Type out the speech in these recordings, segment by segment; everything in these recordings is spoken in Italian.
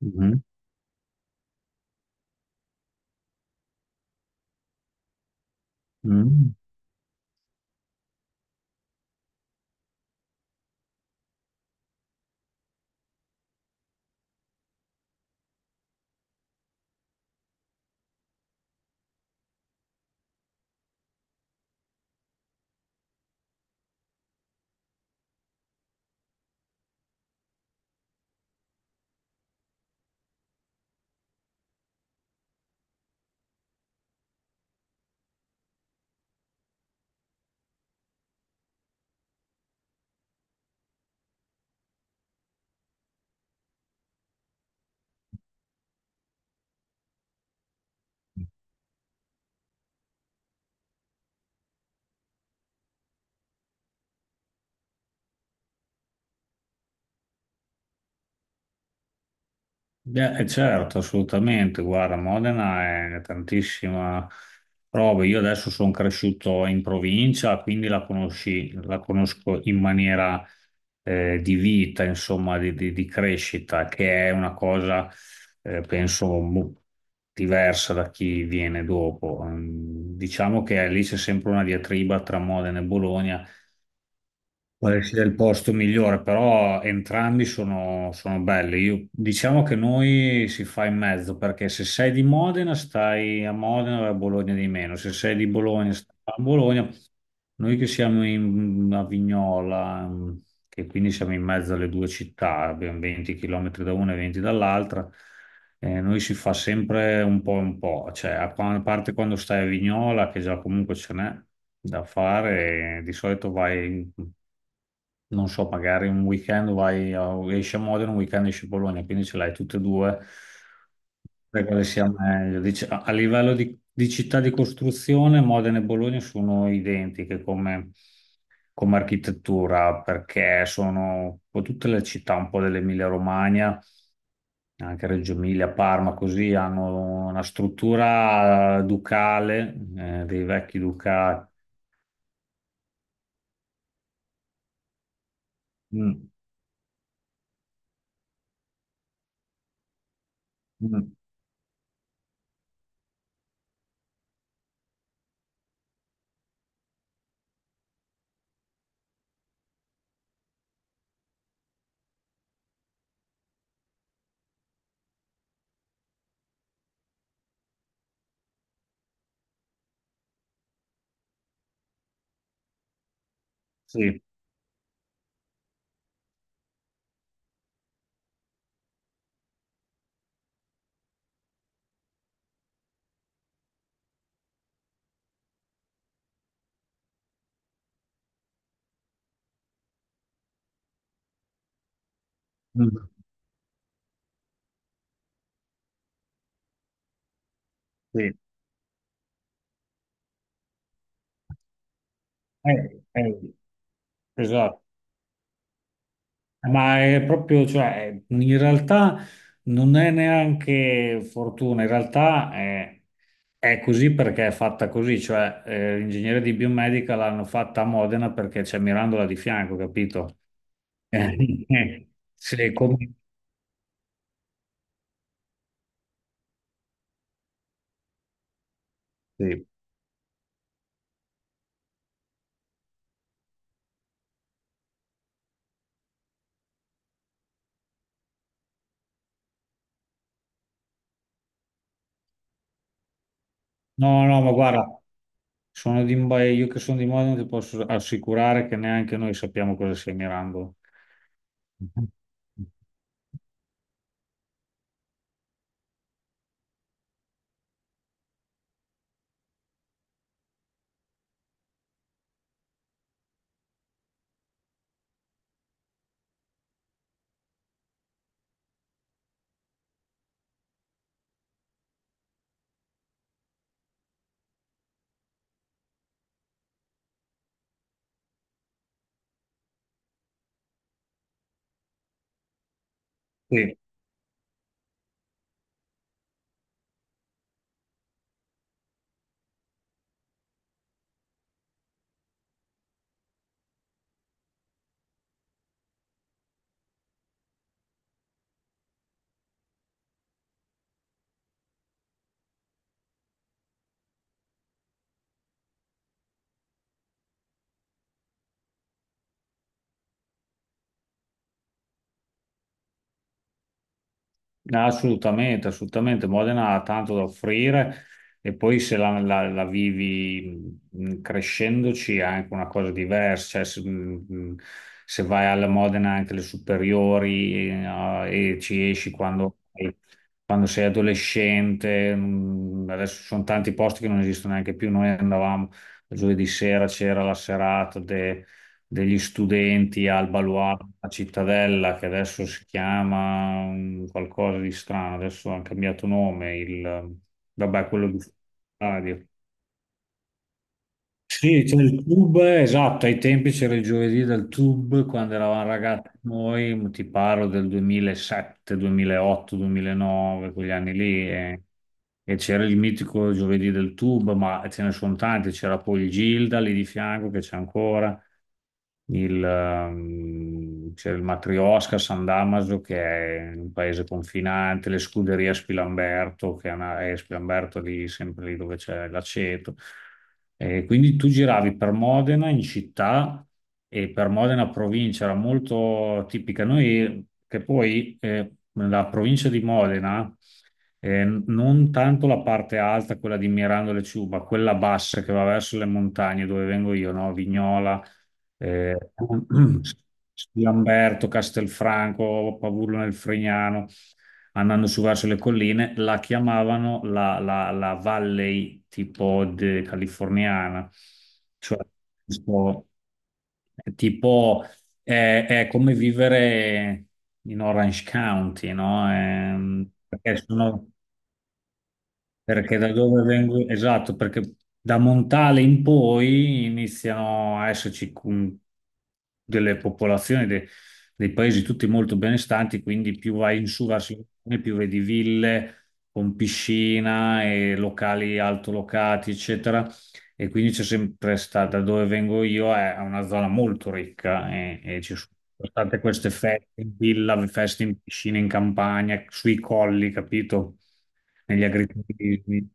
Mhm, mhm. Certo, assolutamente. Guarda, Modena è tantissima roba. Io adesso sono cresciuto in provincia, quindi la conosco in maniera di vita, insomma, di crescita, che è una cosa, penso, diversa da chi viene dopo. Mm, Diciamo che lì c'è sempre una diatriba tra Modena e Bologna. Quale sia il posto migliore, però entrambi sono belli. Io, diciamo che noi si fa in mezzo, perché se sei di Modena stai a Modena e a Bologna di meno, se sei di Bologna stai a Bologna, noi che siamo in a Vignola, mm, che quindi siamo in mezzo alle due città, abbiamo 20 km da una e 20 dall'altra. Noi si fa sempre un po' e un po', cioè a parte quando stai a Vignola, che già comunque ce n'è da fare. Di solito vai, non so, magari un weekend vai, esci a Modena, un weekend esci a Bologna, quindi ce l'hai tutte e due, per quale sia meglio. A livello di città di costruzione, Modena e Bologna sono identiche come, come architettura, perché sono un po' tutte le città un po' dell'Emilia-Romagna, anche Reggio Emilia, Parma, così hanno una struttura ducale, dei vecchi ducati. Mm, mm, sì, mm, sì. Eh, eh, esatto. Ma è proprio, cioè, in realtà non è neanche fortuna, in realtà è così perché è fatta così, cioè l'ingegneria di biomedica l'hanno fatta a Modena perché c'è Mirandola di fianco, capito? Eh, sì, come... Sì. No, no, ma guarda, sono di, ma io che sono di Modena ti posso assicurare che neanche noi sappiamo cosa sia Mirambo. Sì. Assolutamente, assolutamente. Modena ha tanto da offrire, e poi se la vivi crescendoci è anche una cosa diversa. Cioè, se, se vai alla Modena anche le superiori e ci esci quando sei adolescente, adesso ci sono tanti posti che non esistono neanche più. Noi andavamo giovedì sera, c'era la serata degli studenti al baluardo, a Cittadella, che adesso si chiama mm, qualcosa di strano, adesso ha cambiato nome, il, vabbè, quello di radio. Sì, c'è il tub, esatto, ai tempi c'era il giovedì del tub, quando eravamo ragazzi noi, ti parlo del 2007, 2008, 2009, quegli anni lì, e c'era il mitico giovedì del tub, ma ce ne sono tanti, c'era poi il Gilda lì di fianco che c'è ancora il, c'è il Matrioska a San Damaso che è un paese confinante, le scuderie a Spilamberto, che è Spilamberto lì, sempre lì dove c'è l'aceto. E quindi tu giravi per Modena in città e per Modena provincia, era molto tipica. Noi, che poi la provincia di Modena, non tanto la parte alta, quella di Mirandole Ciuba, quella bassa che va verso le montagne dove vengo io, no? Vignola, eh, Lamberto, Castelfranco, Pavullo nel Fregnano, andando su verso le colline, la chiamavano la Valley tipo californiana, cioè tipo, tipo, è come vivere in Orange County, no? Perché sono, perché da dove vengo? Esatto, perché da Montale in poi iniziano a esserci delle popolazioni, dei paesi tutti molto benestanti, quindi più vai in su verso il mare, più vedi ville con piscina e locali altolocati, eccetera. E quindi c'è sempre stata, da dove vengo io, è una zona molto ricca, e ci sono state queste feste in villa, feste in piscina, in campagna, sui colli, capito? Negli agriturismi.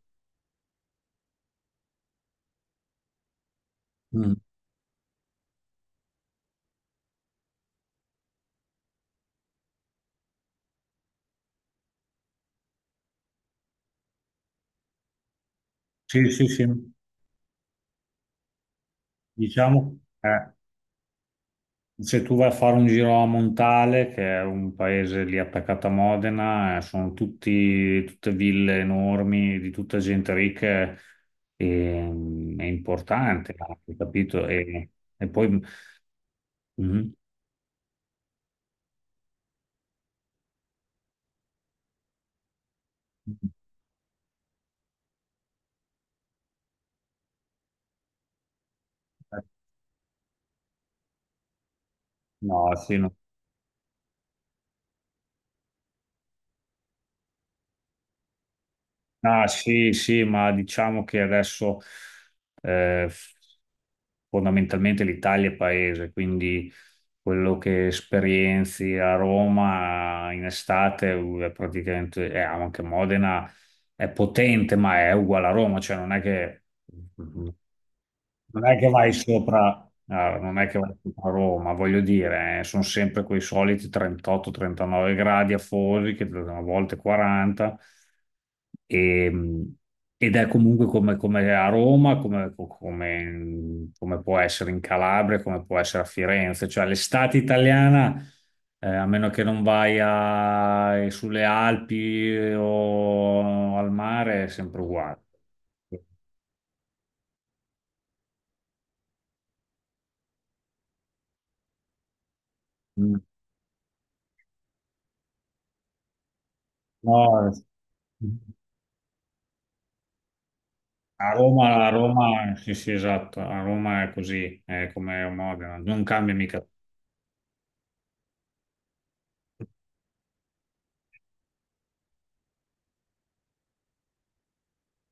Mm. Sì, sì, sì. Diciamo, se tu vai a fare un giro a Montale, che è un paese lì attaccato a Modena, sono tutti, tutte ville enormi, di tutta gente ricca e mm, è importante, anche, capito? E poi... Mhm. No, sì, no. Ah, sì, sì, ma diciamo che adesso eh, f- fondamentalmente l'Italia è paese, quindi quello che esperienzi a Roma in estate è praticamente, e anche Modena è potente, ma è uguale a Roma, cioè non è che mm, mm, non è che vai sopra, non è che vai sopra Roma, voglio dire, sono sempre quei soliti 38-39 gradi afosi, che a volte 40, e, ed è comunque come, come a Roma, come, come può essere in Calabria, come può essere a Firenze, cioè l'estate italiana, a meno che non sulle Alpi o al mare, è sempre uguale. Mm. No, eh. A Roma, sì, sì, esatto, a Roma è così, è come a Modena, non cambia mica.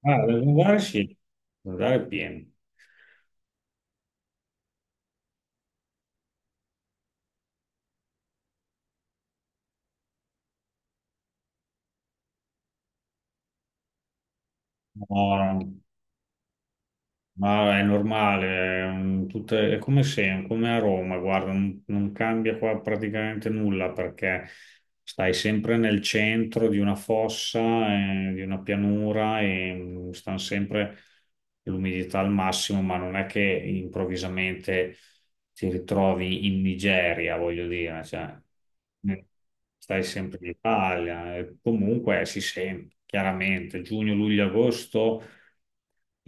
Ah, del Lungare sì, del Lungare è pieno. No, no. Ma è normale, è come se, come a Roma, guarda, non, non cambia qua praticamente nulla perché stai sempre nel centro di una fossa, di una pianura e mm, stanno sempre l'umidità al massimo, ma non è che improvvisamente ti ritrovi in Nigeria, voglio dire, cioè, eh, stai sempre in Italia, e comunque si sente chiaramente giugno, luglio, agosto.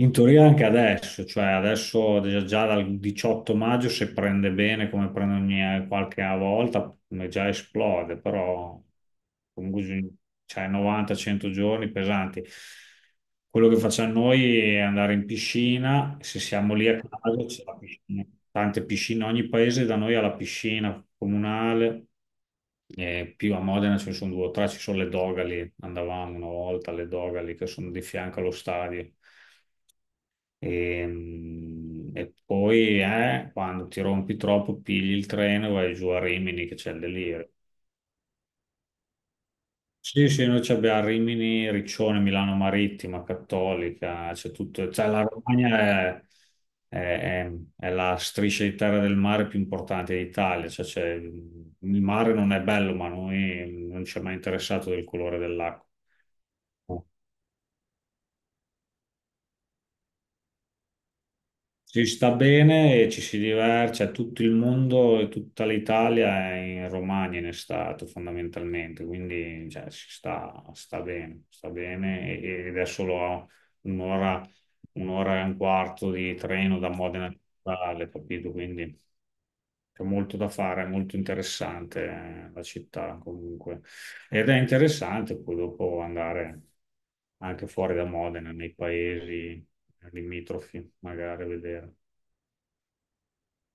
In teoria anche adesso, cioè adesso già dal 18 maggio se prende bene come prende ogni qualche volta come già esplode, però comunque bisogna- cioè 90-100 giorni pesanti. Quello che facciamo noi è andare in piscina, se siamo lì a caso c'è la piscina, tante piscine, ogni paese da noi ha la piscina comunale, e più a Modena ce ne sono due o tre, ci sono le Dogali, andavamo una volta alle Dogali che sono di fianco allo stadio. Ehm, Poi quando ti rompi troppo, pigli il treno e vai giù a Rimini, che c'è il delirio. Sì, sì, noi ci abbiamo Rimini, Riccione, Milano Marittima, Cattolica, c'è tutto, cioè la Romagna è, è- è la striscia di terra del mare più importante d'Italia, cioè il mare non è bello, ma a noi non ci è mai interessato del colore dell'acqua. Ci sta bene e ci si diverte, cioè tutto il mondo e tutta l'Italia è in Romagna in estate fondamentalmente, quindi cioè, si sta, sta bene ed è solo un'ora, un'ora e un quarto di treno da Modena a Natale, capito? Quindi c'è molto da fare, è molto interessante la città comunque. Ed è interessante poi dopo andare anche fuori da Modena, nei paesi limitrofi, magari a vedere.